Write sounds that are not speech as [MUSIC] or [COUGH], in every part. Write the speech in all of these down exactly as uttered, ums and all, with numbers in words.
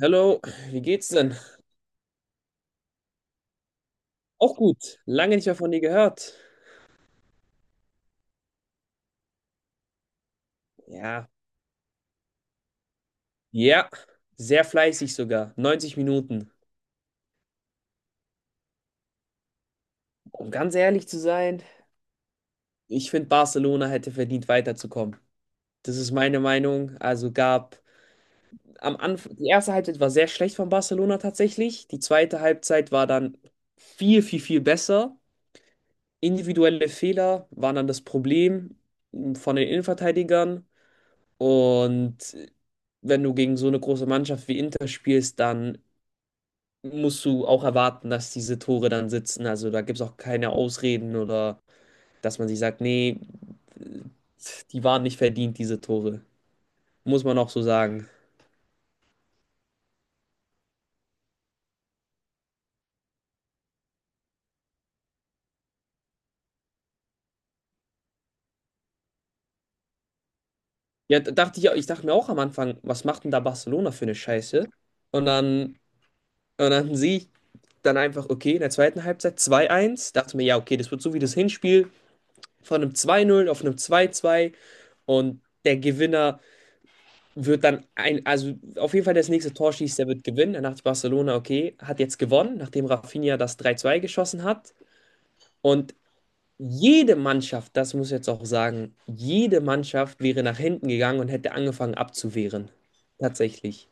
Hallo, wie geht's denn? Auch gut, lange nicht mehr von dir gehört. Ja. Ja, sehr fleißig sogar, neunzig Minuten. Um ganz ehrlich zu sein, ich finde, Barcelona hätte verdient weiterzukommen. Das ist meine Meinung. Also gab am Anfang, die erste Halbzeit war sehr schlecht von Barcelona tatsächlich. Die zweite Halbzeit war dann viel, viel, viel besser. Individuelle Fehler waren dann das Problem von den Innenverteidigern. Und wenn du gegen so eine große Mannschaft wie Inter spielst, dann musst du auch erwarten, dass diese Tore dann sitzen. Also da gibt es auch keine Ausreden oder dass man sich sagt, nee, die waren nicht verdient, diese Tore. Muss man auch so sagen. Ja, da dachte ich, auch- ich dachte mir auch am Anfang, was macht denn da Barcelona für eine Scheiße? Und dann, und dann sehe ich dann einfach, okay, in der zweiten Halbzeit zwei eins dachte mir, ja, okay, das wird so wie das Hinspiel von einem zwei null auf einem zwei zwei und der Gewinner wird dann ein, also auf jeden Fall das nächste Tor schießt, der wird gewinnen. Dann dachte Barcelona, okay, hat jetzt gewonnen, nachdem Rafinha das drei zwei geschossen hat. Und jede Mannschaft, das muss ich jetzt auch sagen, jede Mannschaft wäre nach hinten gegangen und hätte angefangen abzuwehren. Tatsächlich.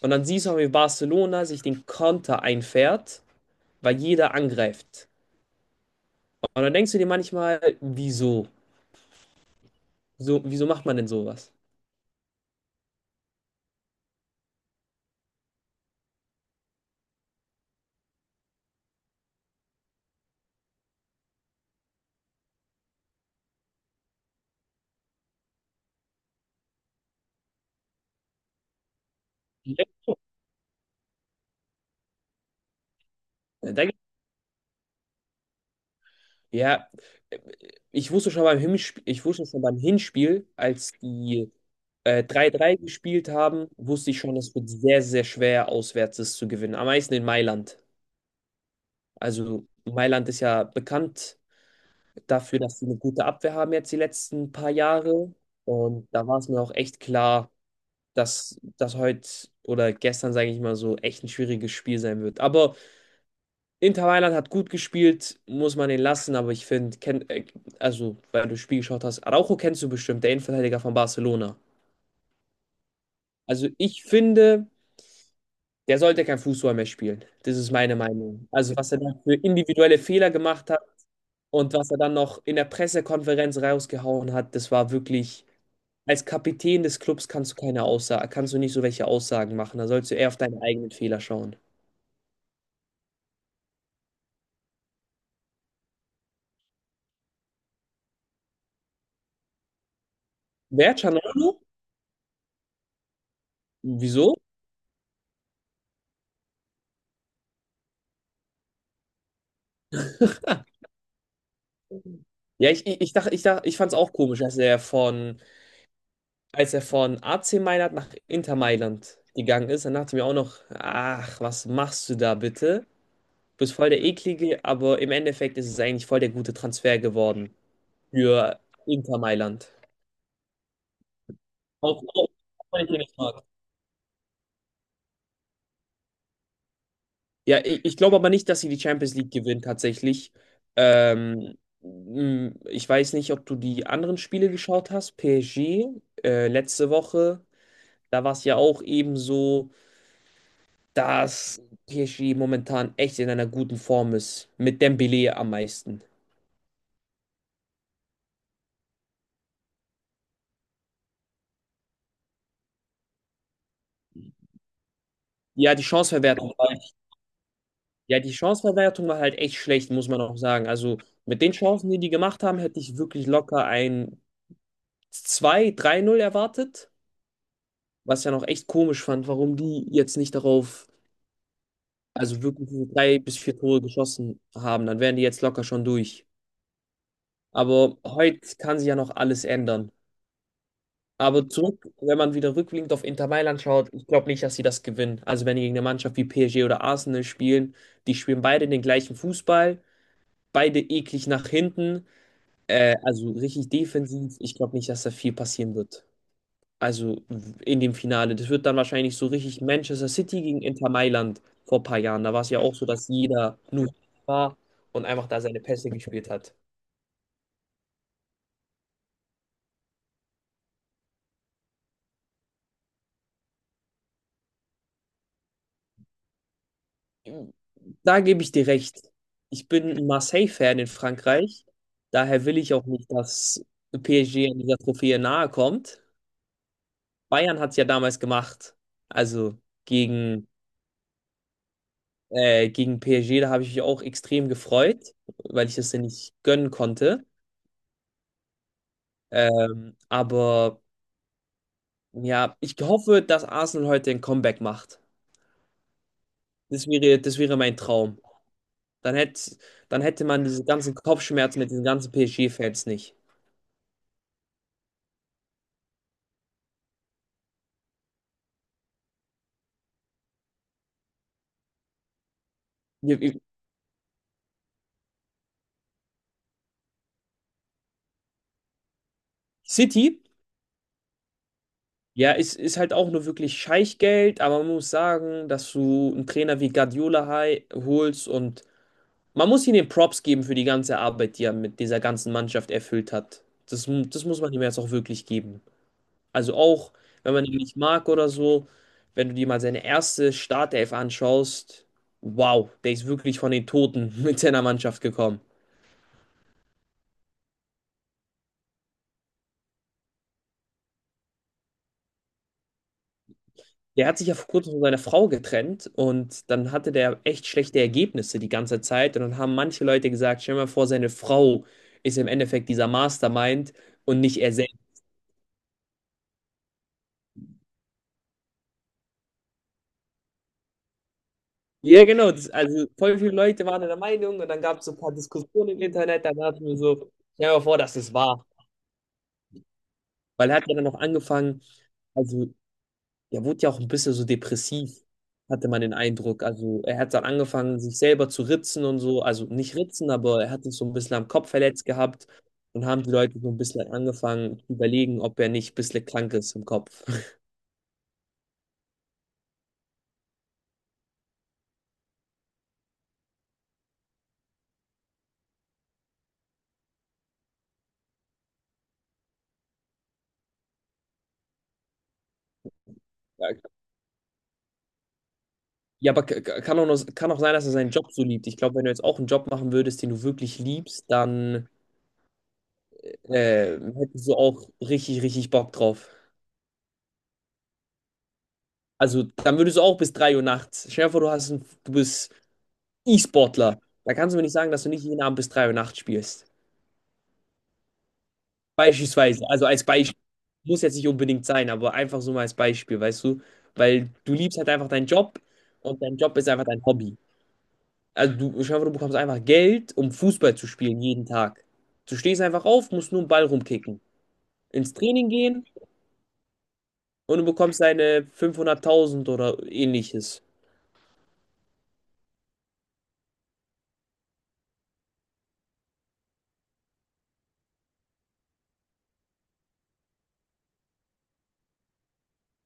Und dann siehst du auch, wie Barcelona sich den Konter einfährt, weil jeder angreift. Und dann denkst du dir manchmal, wieso? So, wieso macht man denn sowas? Da gibt Ja, ich wusste schon beim Hinspiel, ich wusste schon beim Hinspiel, als die äh, drei drei gespielt haben, wusste ich schon, es wird sehr, sehr schwer, auswärts es zu gewinnen. Am meisten in Mailand. Also Mailand ist ja bekannt dafür, dass sie eine gute Abwehr haben jetzt die letzten paar Jahre. Und da war es mir auch echt klar, dass das heute oder gestern, sage ich mal so, echt ein schwieriges Spiel sein wird. Aber Inter Mailand hat gut gespielt, muss man den lassen, aber ich finde, kenn, äh, also, weil du das Spiel geschaut hast, Araujo kennst du bestimmt, der Innenverteidiger von Barcelona. Also, ich finde, der sollte kein Fußball mehr spielen. Das ist meine Meinung. Also, was er da für individuelle Fehler gemacht hat und was er dann noch in der Pressekonferenz rausgehauen hat, das war wirklich, als Kapitän des Clubs kannst du keine Aussage, kannst du nicht so welche Aussagen machen. Da sollst du eher auf deine eigenen Fehler schauen. Wer? Canolo? Wieso? Ja, ich, ich, ich dachte, ich dachte, ich fand es auch komisch, dass er von, als er von A C Mailand nach Inter Mailand gegangen ist, dann dachte ich mir auch noch, ach, was machst du da bitte? Du bist voll der Eklige, aber im Endeffekt ist es eigentlich voll der gute Transfer geworden für Inter Mailand. Auch, auch wenn ich ihn nicht mag. Ja, ich, ich glaube aber nicht, dass sie die Champions League gewinnen tatsächlich. Ähm, m, ich weiß nicht, ob du die anderen Spiele geschaut hast. P S G, äh, letzte Woche. Da war es ja auch eben so, dass P S G momentan echt in einer guten Form ist. Mit Dembélé am meisten. Ja, die Chanceverwertung war, halt, ja, die Chanceverwertung war halt echt schlecht, muss man auch sagen. Also mit den Chancen, die die gemacht haben, hätte ich wirklich locker ein zwei drei null erwartet. Was ich ja noch echt komisch fand, warum die jetzt nicht darauf, also wirklich diese drei bis vier Tore geschossen haben. Dann wären die jetzt locker schon durch. Aber heute kann sich ja noch alles ändern. Aber zurück, wenn man wieder rückblickend auf Inter Mailand schaut, ich glaube nicht, dass sie das gewinnen. Also wenn die gegen eine Mannschaft wie P S G oder Arsenal spielen, die spielen beide den gleichen Fußball, beide eklig nach hinten, äh, also richtig defensiv. Ich glaube nicht, dass da viel passieren wird. Also in dem Finale. Das wird dann wahrscheinlich so richtig Manchester City gegen Inter Mailand vor ein paar Jahren. Da war es ja auch so, dass jeder nur war und einfach da seine Pässe gespielt hat. Da gebe ich dir recht. Ich bin ein Marseille-Fan in Frankreich. Daher will ich auch nicht, dass P S G an dieser Trophäe nahe kommt. Bayern hat es ja damals gemacht. Also gegen, äh, gegen P S G, da habe ich mich auch extrem gefreut, weil ich es denn nicht gönnen konnte. Ähm, aber ja, ich hoffe, dass Arsenal heute ein Comeback macht. Das wäre, das wäre mein Traum. Dann hätte, dann hätte man diese ganzen Kopfschmerzen mit diesen ganzen P S G-Fans nicht. Wir- wir- City Ja, es ist halt auch nur wirklich Scheichgeld, aber man muss sagen, dass du einen Trainer wie Guardiola hei- holst und man muss ihm den Props geben für die ganze Arbeit, die er mit dieser ganzen Mannschaft erfüllt hat. Das, mu- das muss man ihm jetzt auch wirklich geben. Also auch, wenn man ihn nicht mag oder so, wenn du dir mal seine erste Startelf anschaust, wow, der ist wirklich von den Toten [LAUGHS] mit seiner Mannschaft gekommen. Der hat sich ja vor kurzem von seiner Frau getrennt und dann hatte der echt schlechte Ergebnisse die ganze Zeit. Und dann haben manche Leute gesagt, stell dir mal vor, seine Frau ist im Endeffekt dieser Mastermind und nicht er selbst. Ja, genau. Das, also voll viele Leute waren der Meinung und dann gab es so ein paar Diskussionen im Internet. Da dachten wir so, stell dir mal vor, das ist wahr. Weil er hat ja dann noch angefangen, also er wurde ja auch ein bisschen so depressiv, hatte man den Eindruck. Also er hat dann angefangen, sich selber zu ritzen und so. Also nicht ritzen, aber er hat sich so ein bisschen am Kopf verletzt gehabt. Und haben die Leute so ein bisschen angefangen zu überlegen, ob er nicht ein bisschen krank ist im Kopf. [LAUGHS] Ja, ja, aber k- k- kann auch, noch, kann auch sein, dass er seinen Job so liebt. Ich glaube, wenn du jetzt auch einen Job machen würdest, den du wirklich liebst, dann äh, hättest du auch richtig, richtig Bock drauf. Also dann würdest du auch bis drei Uhr nachts. Stell dir vor, du hast ein, du bist E-Sportler. Da kannst du mir nicht sagen, dass du nicht jeden Abend bis drei Uhr nachts spielst. Beispielsweise. Also als Beispiel. Muss jetzt nicht unbedingt sein, aber einfach so mal als Beispiel, weißt du? Weil du liebst halt einfach deinen Job und dein Job ist einfach dein Hobby. Also du, schau, hoffe, du bekommst einfach Geld, um Fußball zu spielen jeden Tag. Du stehst einfach auf, musst nur einen Ball rumkicken. Ins Training gehen und du bekommst deine fünfhunderttausend oder ähnliches.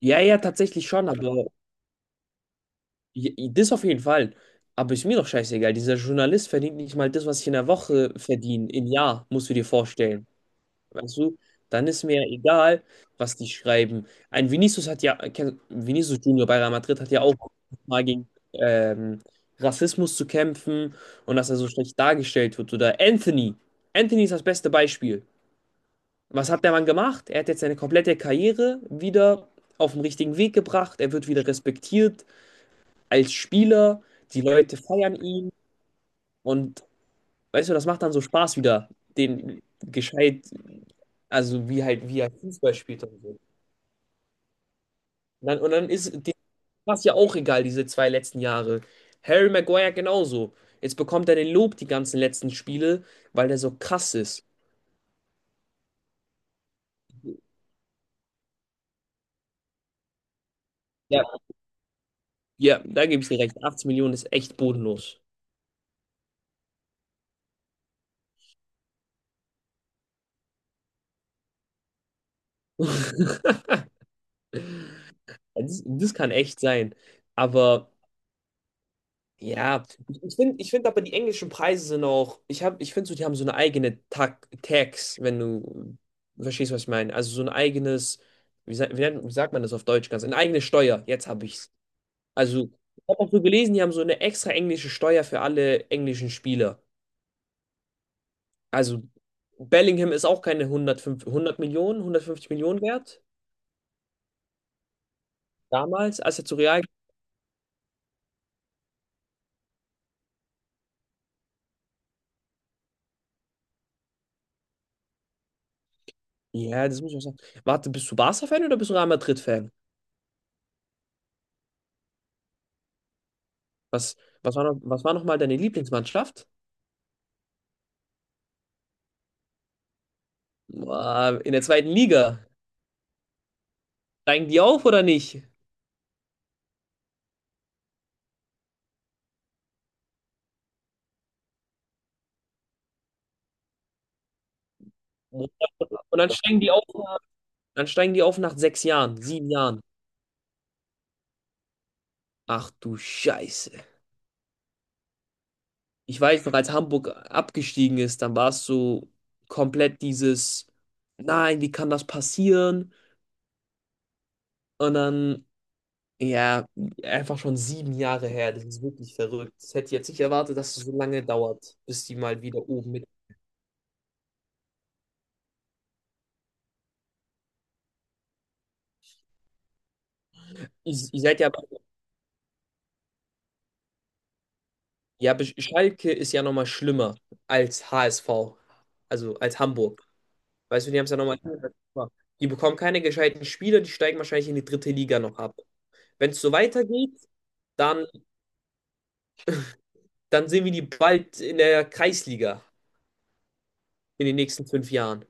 Ja, ja, tatsächlich schon, aber ja, das auf jeden Fall. Aber ist mir doch scheißegal. Dieser Journalist verdient nicht mal das, was ich in der Woche verdiene. Im Jahr, musst du dir vorstellen. Weißt du? Dann ist mir ja egal, was die schreiben. Ein Vinicius hat ja, kenn- Vinicius Junior bei Real Madrid hat ja auch mal gegen ähm, Rassismus zu kämpfen und dass er so schlecht dargestellt wird. Oder Anthony. Anthony ist das beste Beispiel. Was hat der Mann gemacht? Er hat jetzt seine komplette Karriere wieder auf den richtigen Weg gebracht. Er wird wieder respektiert als Spieler, die Leute feiern ihn und weißt du, das macht dann so Spaß wieder, den gescheit, also wie halt, wie er Fußball spielt und so. Und dann, und dann ist dem Spaß ja auch egal, diese zwei letzten Jahre. Harry Maguire genauso. Jetzt bekommt er den Lob die ganzen letzten Spiele, weil der so krass ist. Ja, ja, da gebe ich dir recht. achtzig Millionen ist echt bodenlos. [LAUGHS] Das, das kann echt sein. Aber ja, ich ich finde ich find aber die englischen Preise sind auch, ich hab, ich finde so, die haben so eine eigene Tag, Tags, wenn du verstehst, was ich meine. Also so ein eigenes, wie, sa- wie, nennt- wie sagt man das auf Deutsch ganz? Eine eigene Steuer, jetzt habe ich's. Also, ich habe auch so gelesen, die haben so eine extra englische Steuer für alle englischen Spieler. Also, Bellingham ist auch keine hundertfünf, hundert Millionen, hundertfünfzig Millionen wert, damals, als er zu Real. Ja, das muss ich auch sagen. Warte, bist du Barca-Fan oder bist du Real Madrid-Fan? Was, was war noch, was war noch mal deine Lieblingsmannschaft? Boah, in der zweiten Liga. Steigen die auf oder nicht? Und dann steigen die auf, dann steigen die auf nach sechs Jahren, sieben Jahren. Ach du Scheiße. Ich weiß noch, als Hamburg abgestiegen ist, dann war es so komplett dieses, nein, wie kann das passieren? Und dann, ja, einfach schon sieben Jahre her. Das ist wirklich verrückt. Das hätte ich jetzt nicht erwartet, dass es so lange dauert, bis die mal wieder oben mit. Ihr ihr seid ja Ja, Be- Schalke ist ja nochmal schlimmer als H S V, also als Hamburg. Weißt du, die haben es ja nochmal. Die bekommen keine gescheiten Spieler, die steigen wahrscheinlich in die dritte Liga noch ab. Wenn es so weitergeht, dann, dann sehen wir die bald in der Kreisliga in den nächsten fünf Jahren.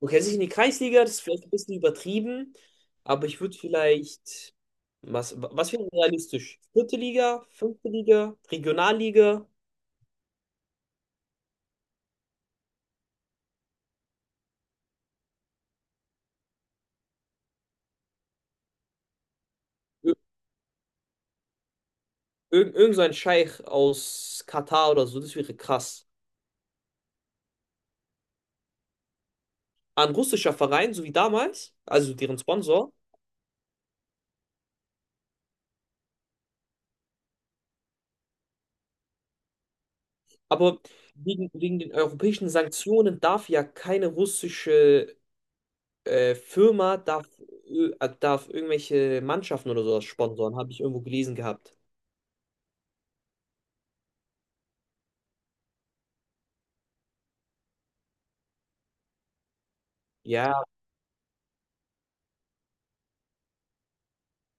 Okay, sich in die Kreisliga, das ist vielleicht ein bisschen übertrieben, aber ich würde vielleicht, was, was wäre realistisch? Vierte Liga, fünfte Liga, Regionalliga, ir irgend, irgend so ein Scheich aus Katar oder so, das wäre krass. An russischer Verein, so wie damals, also deren Sponsor. Aber wegen, wegen den europäischen Sanktionen darf ja keine russische äh, Firma, darf, ö- äh, darf irgendwelche Mannschaften oder sowas sponsoren, habe ich irgendwo gelesen gehabt. Ja,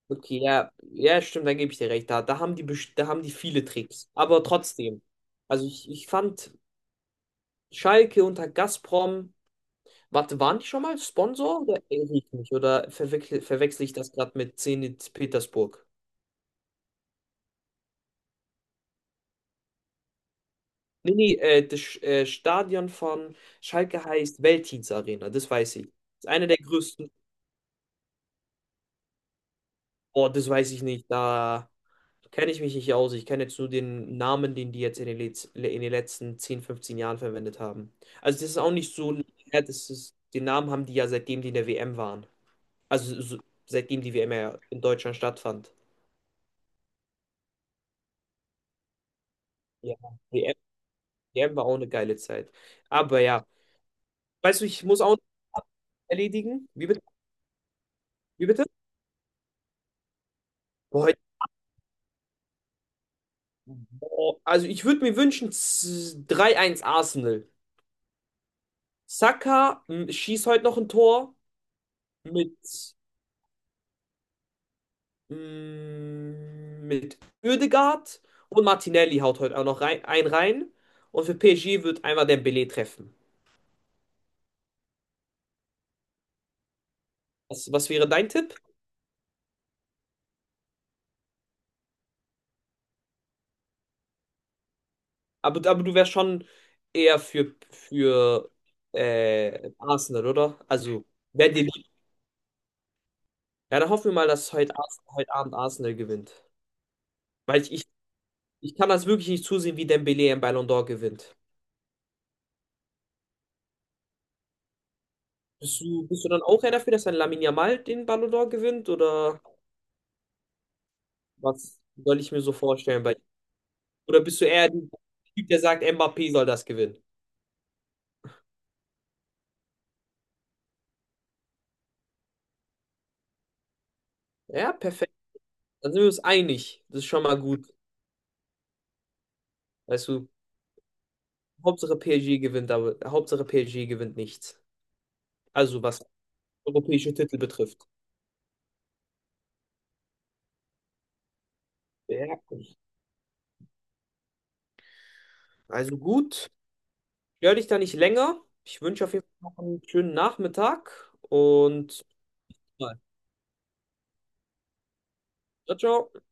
okay, ja, ja, stimmt, dann gebe ich dir recht. Da, da haben die, best- da haben die viele Tricks. Aber trotzdem, also ich, ich fand Schalke unter Gazprom, warte, waren die schon mal Sponsor oder erinnere ich mich? Oder verwechsel, verwechsel ich das gerade mit Zenit Petersburg? Nee, nee, äh, das Sch- äh, Stadion von Schalke heißt Veltins Arena, das weiß ich. Das ist einer der größten. Oh, das weiß ich nicht. Da kenne ich mich nicht aus. Ich kenne jetzt nur den Namen, den die jetzt in den, Letz in den letzten zehn, fünfzehn Jahren verwendet haben. Also das ist auch nicht so lange her, das ist, den Namen haben die ja seitdem die in der W M waren. Also so, seitdem die W M ja in Deutschland stattfand. Ja, W M, W M war auch eine geile Zeit. Aber ja, weißt du, ich muss auch noch erledigen. Wie bitte? Wie bitte? Boah, boah, also ich würde mir wünschen z- drei eins Arsenal. Saka m, schießt heute noch ein Tor mit, m, mit Ødegaard und Martinelli haut heute auch noch rein, einen rein. Und für P S G wird einmal Dembélé treffen. Was, was wäre dein Tipp? Aber, aber du wärst schon eher für, für äh, Arsenal, oder? Also, wer dir lieb. Ja, dann hoffen wir mal, dass heute, Ars- heute Abend Arsenal gewinnt. Weil ich, Ich kann das wirklich nicht zusehen, wie Dembélé einen Ballon d'Or gewinnt. Bist du, bist du dann auch eher dafür, dass ein Lamine Yamal den Ballon d'Or gewinnt? Oder was soll ich mir so vorstellen bei dir? Oder bist du eher der Typ, der sagt, Mbappé soll das gewinnen? Ja, perfekt. Dann sind wir uns einig. Das ist schon mal gut. Weißt du, Hauptsache P S G gewinnt, aber Hauptsache P S G gewinnt nichts. Also was europäische Titel betrifft. Ja. Also gut. Stör dich da nicht länger. Ich wünsche auf jeden Fall noch einen schönen Nachmittag und bis bald. Ciao, ciao.